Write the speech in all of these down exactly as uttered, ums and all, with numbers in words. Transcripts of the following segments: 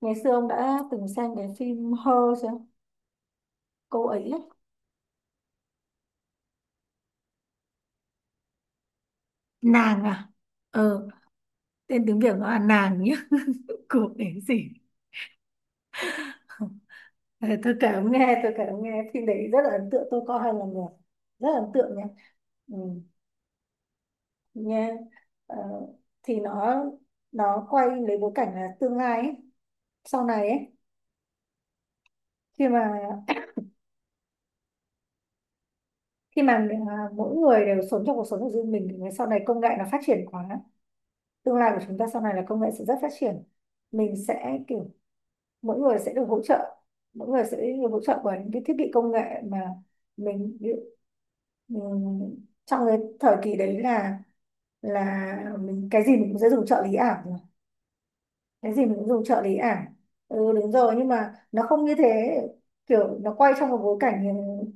Ngày xưa ông đã từng xem cái phim Her chưa? Cô ấy ấy. Nàng à? ờ Tên tiếng Việt nó là nàng nhá. Của cái gì? Ờ, Tôi kể ông nghe, tôi kể ông nghe phim đấy rất là ấn tượng, tôi coi hai lần rồi, rất là ấn tượng nha. Ừ, nha. Ờ, thì nó nó quay lấy bối cảnh là tương lai ấy. Sau này ấy, khi mà khi mà à, mỗi người đều sống trong cuộc sống của riêng mình, thì sau này công nghệ nó phát triển quá, tương lai của chúng ta sau này là công nghệ sẽ rất phát triển. Mình sẽ kiểu, mỗi người sẽ được hỗ trợ mỗi người sẽ được hỗ trợ bởi những cái thiết bị công nghệ mà mình, ví dụ- mình trong cái thời kỳ đấy là, là mình cái gì mình cũng sẽ dùng trợ lý ảo, cái gì mình cũng dùng trợ lý ảo. Ừ, đúng rồi, nhưng mà nó không như thế. Kiểu nó quay trong một bối cảnh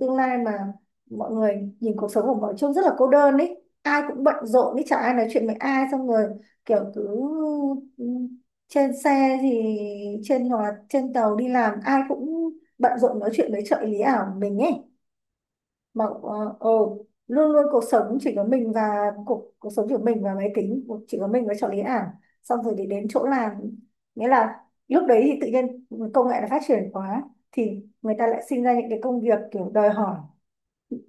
tương lai mà mọi người nhìn cuộc sống của mọi trông rất là cô đơn ấy, ai cũng bận rộn ấy, chả ai nói chuyện với ai. Xong rồi kiểu cứ ừ, trên xe thì, trên hoặc là trên tàu đi làm ai cũng bận rộn nói chuyện với trợ lý ảo của mình ấy. Mà ờ ờ, luôn luôn cuộc sống chỉ có mình và, cuộc cuộc sống chỉ có mình và máy tính, chỉ có mình với trợ lý ảo. Xong rồi thì đến chỗ làm, nghĩa là lúc đấy thì tự nhiên công nghệ nó phát triển quá, thì người ta lại sinh ra những cái công việc kiểu đòi hỏi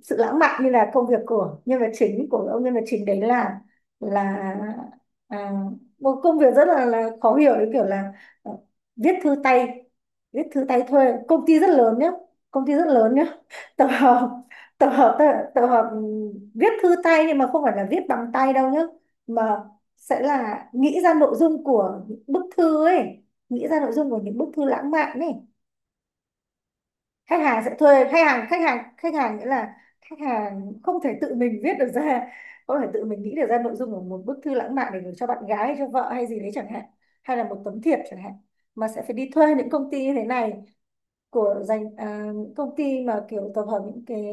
sự lãng mạn, như là công việc của nhân vật chính của ông. Nhân vật chính đấy là, là à, một công việc rất là, là khó hiểu đấy, kiểu là ờ, viết thư tay. Viết thư tay thuê, công ty rất lớn nhá, công ty rất lớn nhá. Tập hợp, tập hợp tập, tập hợp, ừ, viết thư tay nhưng mà không phải là viết bằng tay đâu nhá, mà sẽ là nghĩ ra nội dung của những bức thư ấy, nghĩ ra nội dung của những bức thư lãng mạn ấy. Khách hàng sẽ thuê, khách hàng khách hàng khách hàng, nghĩa là khách hàng không thể tự mình viết được ra, không thể tự mình nghĩ được ra nội dung của một bức thư lãng mạn để gửi cho bạn gái hay cho vợ hay gì đấy chẳng hạn, hay là một tấm thiệp chẳng hạn, mà sẽ phải đi thuê những công ty như thế này. Của dành à, những công ty mà kiểu tập hợp những cái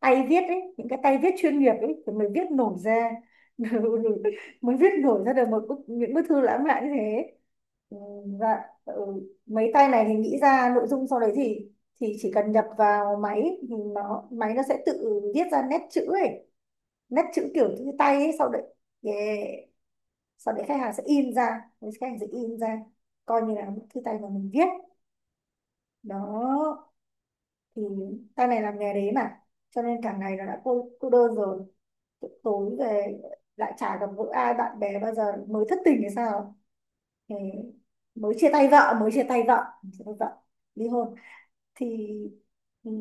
tay viết ấy, những cái tay viết chuyên nghiệp ấy thì mới viết nổi ra. Mới viết nổi ra được một bức, những bức thư lãng mạn như thế. Ừ, và ừ, mấy tay này thì nghĩ ra nội dung, sau đấy thì, thì chỉ cần nhập vào máy, thì nó máy nó sẽ tự viết ra nét chữ ấy, nét chữ kiểu như tay ấy. Sau đấy, yeah. Sau đấy khách hàng sẽ in ra, khách hàng sẽ in ra, coi như là bức thư tay mà mình viết. Đó, thì sau này làm nghề đấy mà, cho nên cả ngày nó đã cô, cô đơn rồi. Tối về lại chả gặp gỡ ai bạn bè bao giờ, mới thất tình hay sao. Thì mới chia tay vợ, mới chia tay vợ, chia tay vợ, ly hôn. Thì ừ,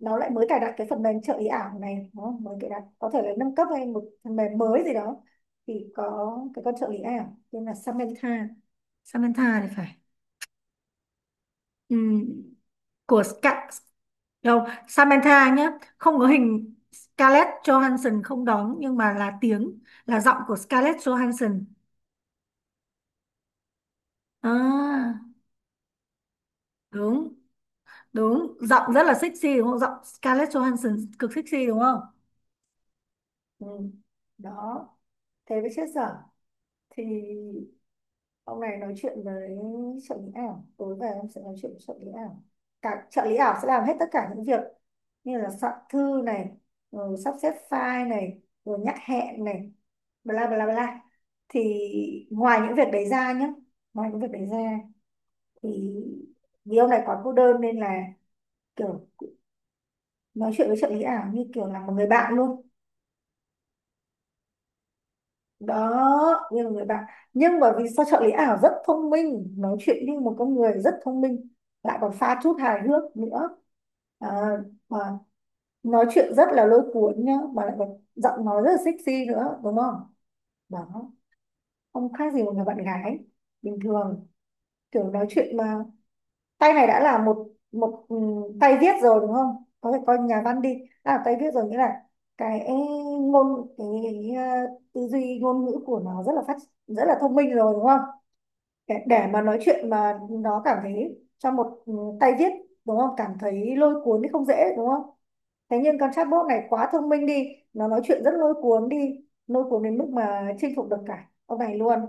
nó lại mới cài đặt cái phần mềm trợ ý ảo này, đúng, mới cài đặt có thể là nâng cấp hay một phần mềm mới gì đó. Thì có cái con trợ lý ảo tên là Samantha, Samantha thì phải. Ừ. Của Skype. Đâu, Samantha nhé, không có hình, Scarlett Johansson không đóng nhưng mà là tiếng, là giọng của Scarlett Johansson. À, đúng, đúng, giọng rất là sexy đúng không? Giọng Scarlett Johansson cực sexy đúng không? Ừ. Đó, thế với chết dở. Thì ông này nói chuyện với trợ lý ảo, tối về em sẽ nói chuyện với trợ lý ảo. Cả trợ lý ảo sẽ làm hết tất cả những việc như là soạn thư này, rồi sắp xếp file này, rồi nhắc hẹn này, bla bla bla. Thì ngoài những việc đấy ra nhé, ngoài những việc đấy ra thì, vì ông này quá cô đơn nên là kiểu nói chuyện với trợ lý ảo như kiểu là một người bạn luôn. Đó, như là người bạn, nhưng mà vì sao trợ lý ảo rất thông minh, nói chuyện như một con người rất thông minh, lại còn pha chút hài hước nữa, à, mà nói chuyện rất là lôi cuốn nhá, mà lại còn giọng nói rất là sexy nữa đúng không? Đó, không khác gì một người bạn gái bình thường. Kiểu nói chuyện mà, tay này đã là một, một ừ, tay viết rồi đúng không, có thể coi nhà văn đi, đã là tay viết rồi, nghĩa là cái, ngôn cái, ờ, tư duy ngôn ngữ của nó rất là phát, rất là thông minh rồi đúng không? Để, để mà nói chuyện mà nó cảm thấy cho một, ừ, tay viết, đúng không, cảm thấy lôi cuốn thì không dễ đúng không? Thế nhưng con chatbot này quá thông minh đi, nó nói chuyện rất lôi cuốn đi, lôi cuốn đến mức mà chinh phục được cả ông này luôn.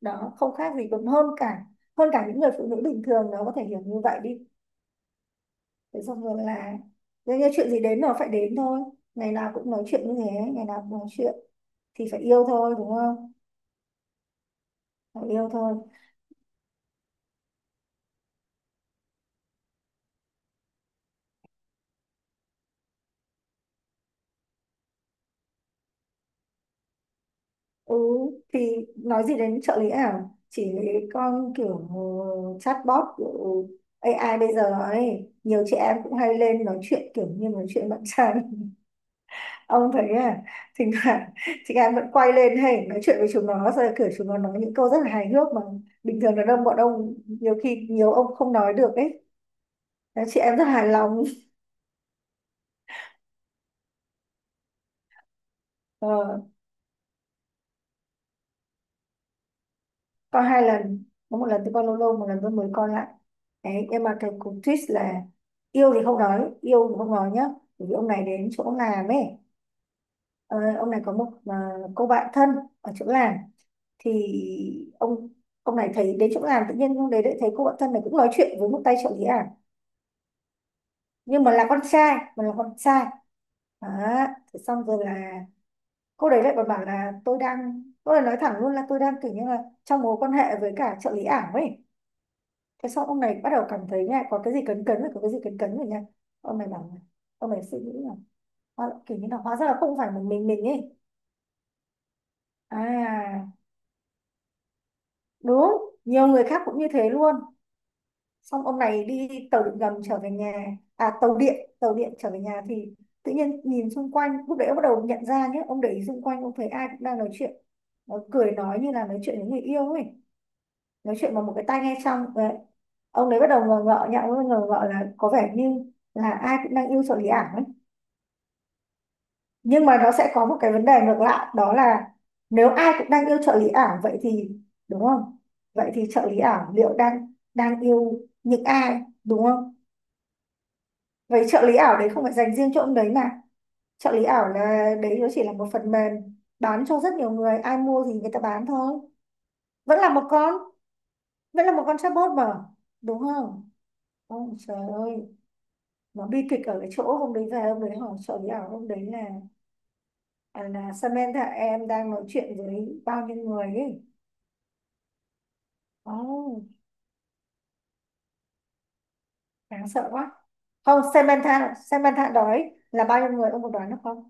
Đó, không khác gì, còn hơn cả, hơn cả những người phụ nữ bình thường, nó có thể hiểu như vậy đi. Thế xong rồi là đương nhiên chuyện gì đến nó phải đến thôi. Ngày nào cũng nói chuyện như thế, ngày nào cũng nói chuyện thì phải yêu thôi đúng không, phải yêu thôi. Ừ, thì nói gì đến trợ lý ảo, chỉ lấy con kiểu ờ, chatbot kiểu a i bây giờ ấy, nhiều chị em cũng hay lên nói chuyện kiểu như nói chuyện bạn trai. Ông thấy à? Thỉnh thoảng chị em vẫn quay lên hay nói chuyện với chúng nó rồi, kiểu chúng nó nói những câu rất là hài hước mà bình thường là đông bọn ông nhiều khi, nhiều ông không nói được ấy. Đấy, chị em rất hài lòng. Ờ, có hai lần, có một lần tôi coi lâu lâu, một lần tôi mới coi lại đấy. Nhưng mà cái cú twist là, yêu thì không nói, yêu thì không nói nhá. Bởi vì ông này đến chỗ làm ấy, ờ, ông này có một, ờ, cô bạn thân ở chỗ làm. Thì ông ông này thấy đến chỗ làm tự nhiên ông đấy lại thấy cô bạn thân này cũng nói chuyện với một tay trợ lý ảo, nhưng mà là con trai, mà là con trai. Đó, thế xong rồi là cô đấy lại còn bảo là tôi đang, cô ấy nói thẳng luôn là tôi đang kiểu như là trong mối quan hệ với cả trợ lý ảo ấy. Thế xong ông này bắt đầu cảm thấy nha, có cái gì cấn cấn rồi, có cái gì cấn cấn rồi nha. Ông này bảo là, ông này suy nghĩ là, hóa, kiểu như là hóa ra là không phải một mình mình ấy. À, đúng, nhiều người khác cũng như thế luôn. Xong ông này đi tàu điện ngầm trở về nhà, à tàu điện, tàu điện trở về nhà. Thì tự nhiên nhìn xung quanh lúc đấy ông bắt đầu nhận ra nhé, ông để ý xung quanh ông thấy ai cũng đang nói chuyện, nó cười nói như là nói chuyện với người yêu ấy, nói chuyện bằng một cái tai nghe trong. Ông đấy bắt đầu ngờ ngợ nhá, ông ấy ngờ ngợ là có vẻ như là ai cũng đang yêu trợ lý ảo ấy. Nhưng mà nó sẽ có một cái vấn đề ngược lại, đó là nếu ai cũng đang yêu trợ lý ảo vậy thì, đúng không, vậy thì trợ lý ảo liệu đang đang yêu những ai, đúng không? Vậy trợ lý ảo đấy không phải dành riêng cho ông đấy mà, trợ lý ảo là đấy, nó chỉ là một phần mềm bán cho rất nhiều người, ai mua thì người ta bán thôi, vẫn là một con, vẫn là một con chatbot mà, đúng không? Ôi trời ơi, nó bi kịch ở cái chỗ hôm đấy về, hôm đấy hỏi trợ lý ảo hôm đấy là, à, là Samantha em đang nói chuyện với bao nhiêu người ấy. Oh, đáng sợ quá. Không, Samantha, Samantha đói là bao nhiêu người ông có đoán được không?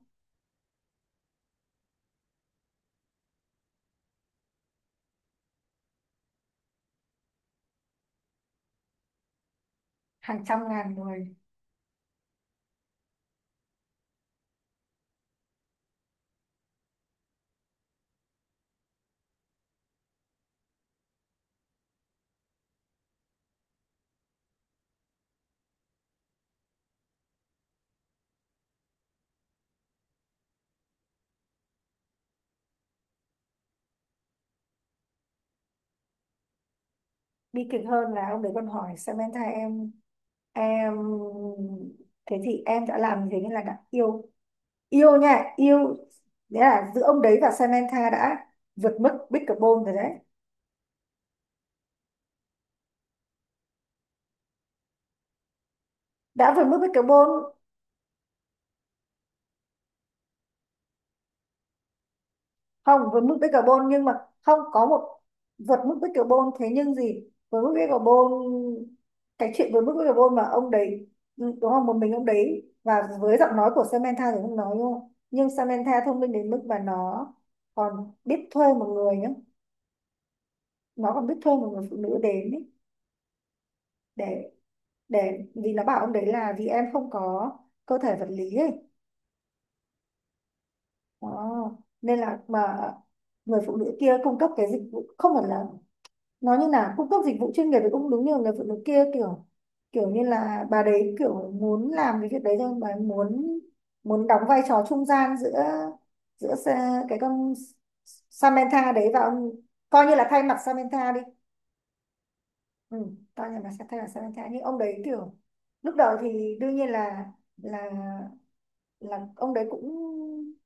Hàng trăm ngàn người. Bi kịch hơn là ông đấy còn hỏi Samantha, em em thế thì em đã làm gì, như nên là đã yêu, yêu nha, yêu. Đấy là giữa ông đấy và Samantha đã vượt mức Bicarbonate rồi đấy, đã vượt mức Bicarbonate. Không, với mức bích carbon nhưng mà không có một, vượt mức bích carbon, thế nhưng gì với mức bích carbon, cái chuyện với mức bích carbon mà ông đấy, ừ, đúng không, một mình ông đấy và với giọng nói của Samantha thì không nói đúng không, nhưng Samantha thông minh đến mức mà nó còn biết thuê một người nhá, nó còn biết thuê một người phụ nữ đến ý, để, để vì nó bảo ông đấy là vì em không có cơ thể vật lý ấy. Đó, nên là mà người phụ nữ kia cung cấp cái dịch vụ, không phải là nó như là cung cấp dịch vụ chuyên nghiệp, với cũng đúng, như người phụ nữ kia kiểu, kiểu như là bà đấy kiểu muốn làm cái việc đấy thôi, bà ấy muốn, muốn đóng vai trò trung gian giữa, giữa Sa- cái con Samantha đấy và ông, coi như là thay mặt Samantha đi, ừ, coi như là sẽ thay mặt Samantha. Nhưng ông đấy kiểu lúc đầu thì đương nhiên là, là là ông đấy cũng,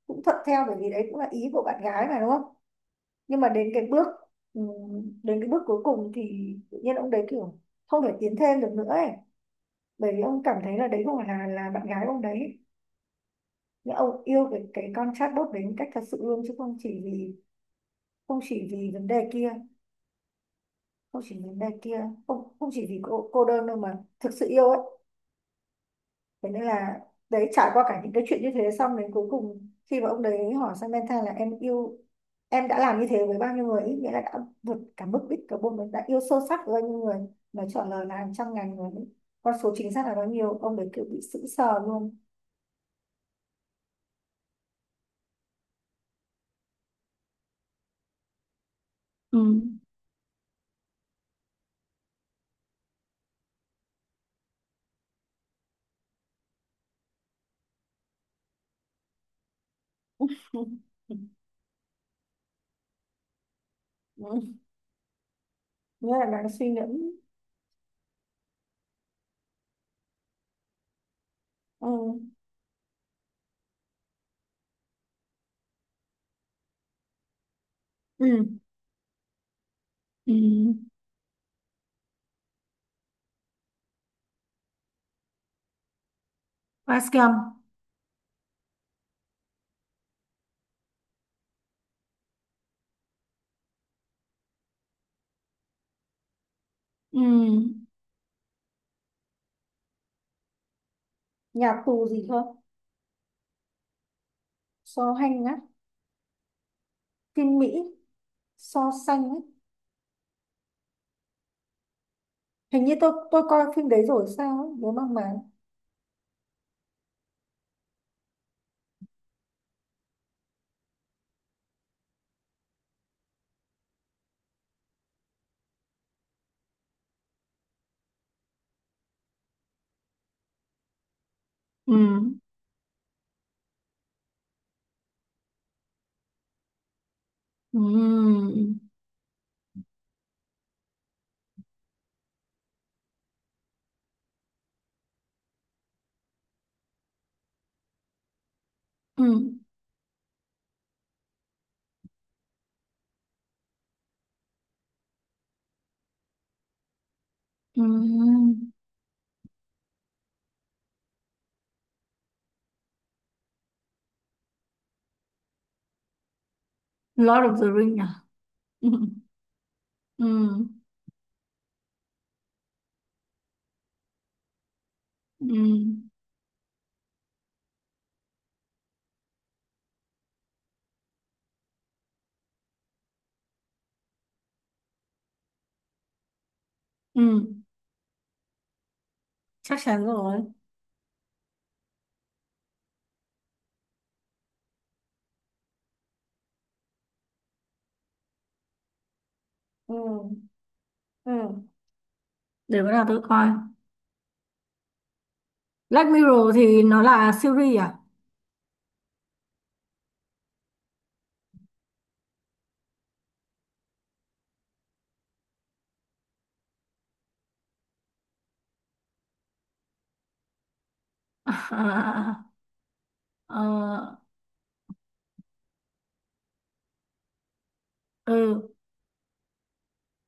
cũng thuận theo bởi vì đấy cũng là ý của bạn gái mà đúng không. Nhưng mà đến cái bước, ừ, đến cái bước cuối cùng thì tự nhiên ông đấy kiểu không thể tiến thêm được nữa ấy, bởi vì ông cảm thấy là đấy không phải là là bạn gái ông đấy. Nhưng ông yêu cái cái con chatbot đấy một cách thật sự luôn, chứ không chỉ vì, không chỉ vì vấn đề kia, không chỉ vấn đề kia, không, không chỉ vì cô, cô đơn đâu mà thực sự yêu ấy. Thế nên là đấy, trải qua cả những cái chuyện như thế xong, đến cuối cùng khi mà ông đấy hỏi Samantha là em yêu, em đã làm như thế với bao nhiêu người, ý nghĩa là đã vượt cả mức đích cả bôn, mình đã yêu sâu sắc với bao nhiêu người, mà trả lời là hàng trăm ngàn người, con số chính xác là bao nhiêu, ông đấy kiểu bị sững sờ luôn. Ừ. Ừ. Nghĩa là đang suy ngẫm. Ừ. Ừ. Ừ. Bascom. Ừ. Nhà tù gì cơ? So hành á? Phim Mỹ. So sánh á? Hình như tôi tôi coi phim đấy rồi sao ấy, nhớ mang máng. Ừ. Ừ. Ừ. Ừ. Lord of the Ring à? Ừ. Ừ. Ừ. Ừ. Chắc chắn rồi. Ừ. Ừ. Để bữa nào tôi coi. Black Mirror thì nó là series à? À, Ờ, ừ.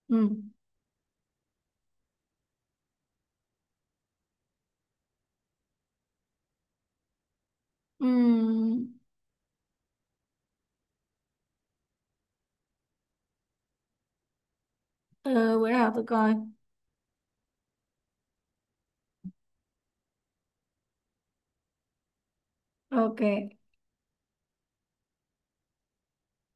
Ừ. Ừ. Ừ. Ừ, bữa nào tôi coi. Ok.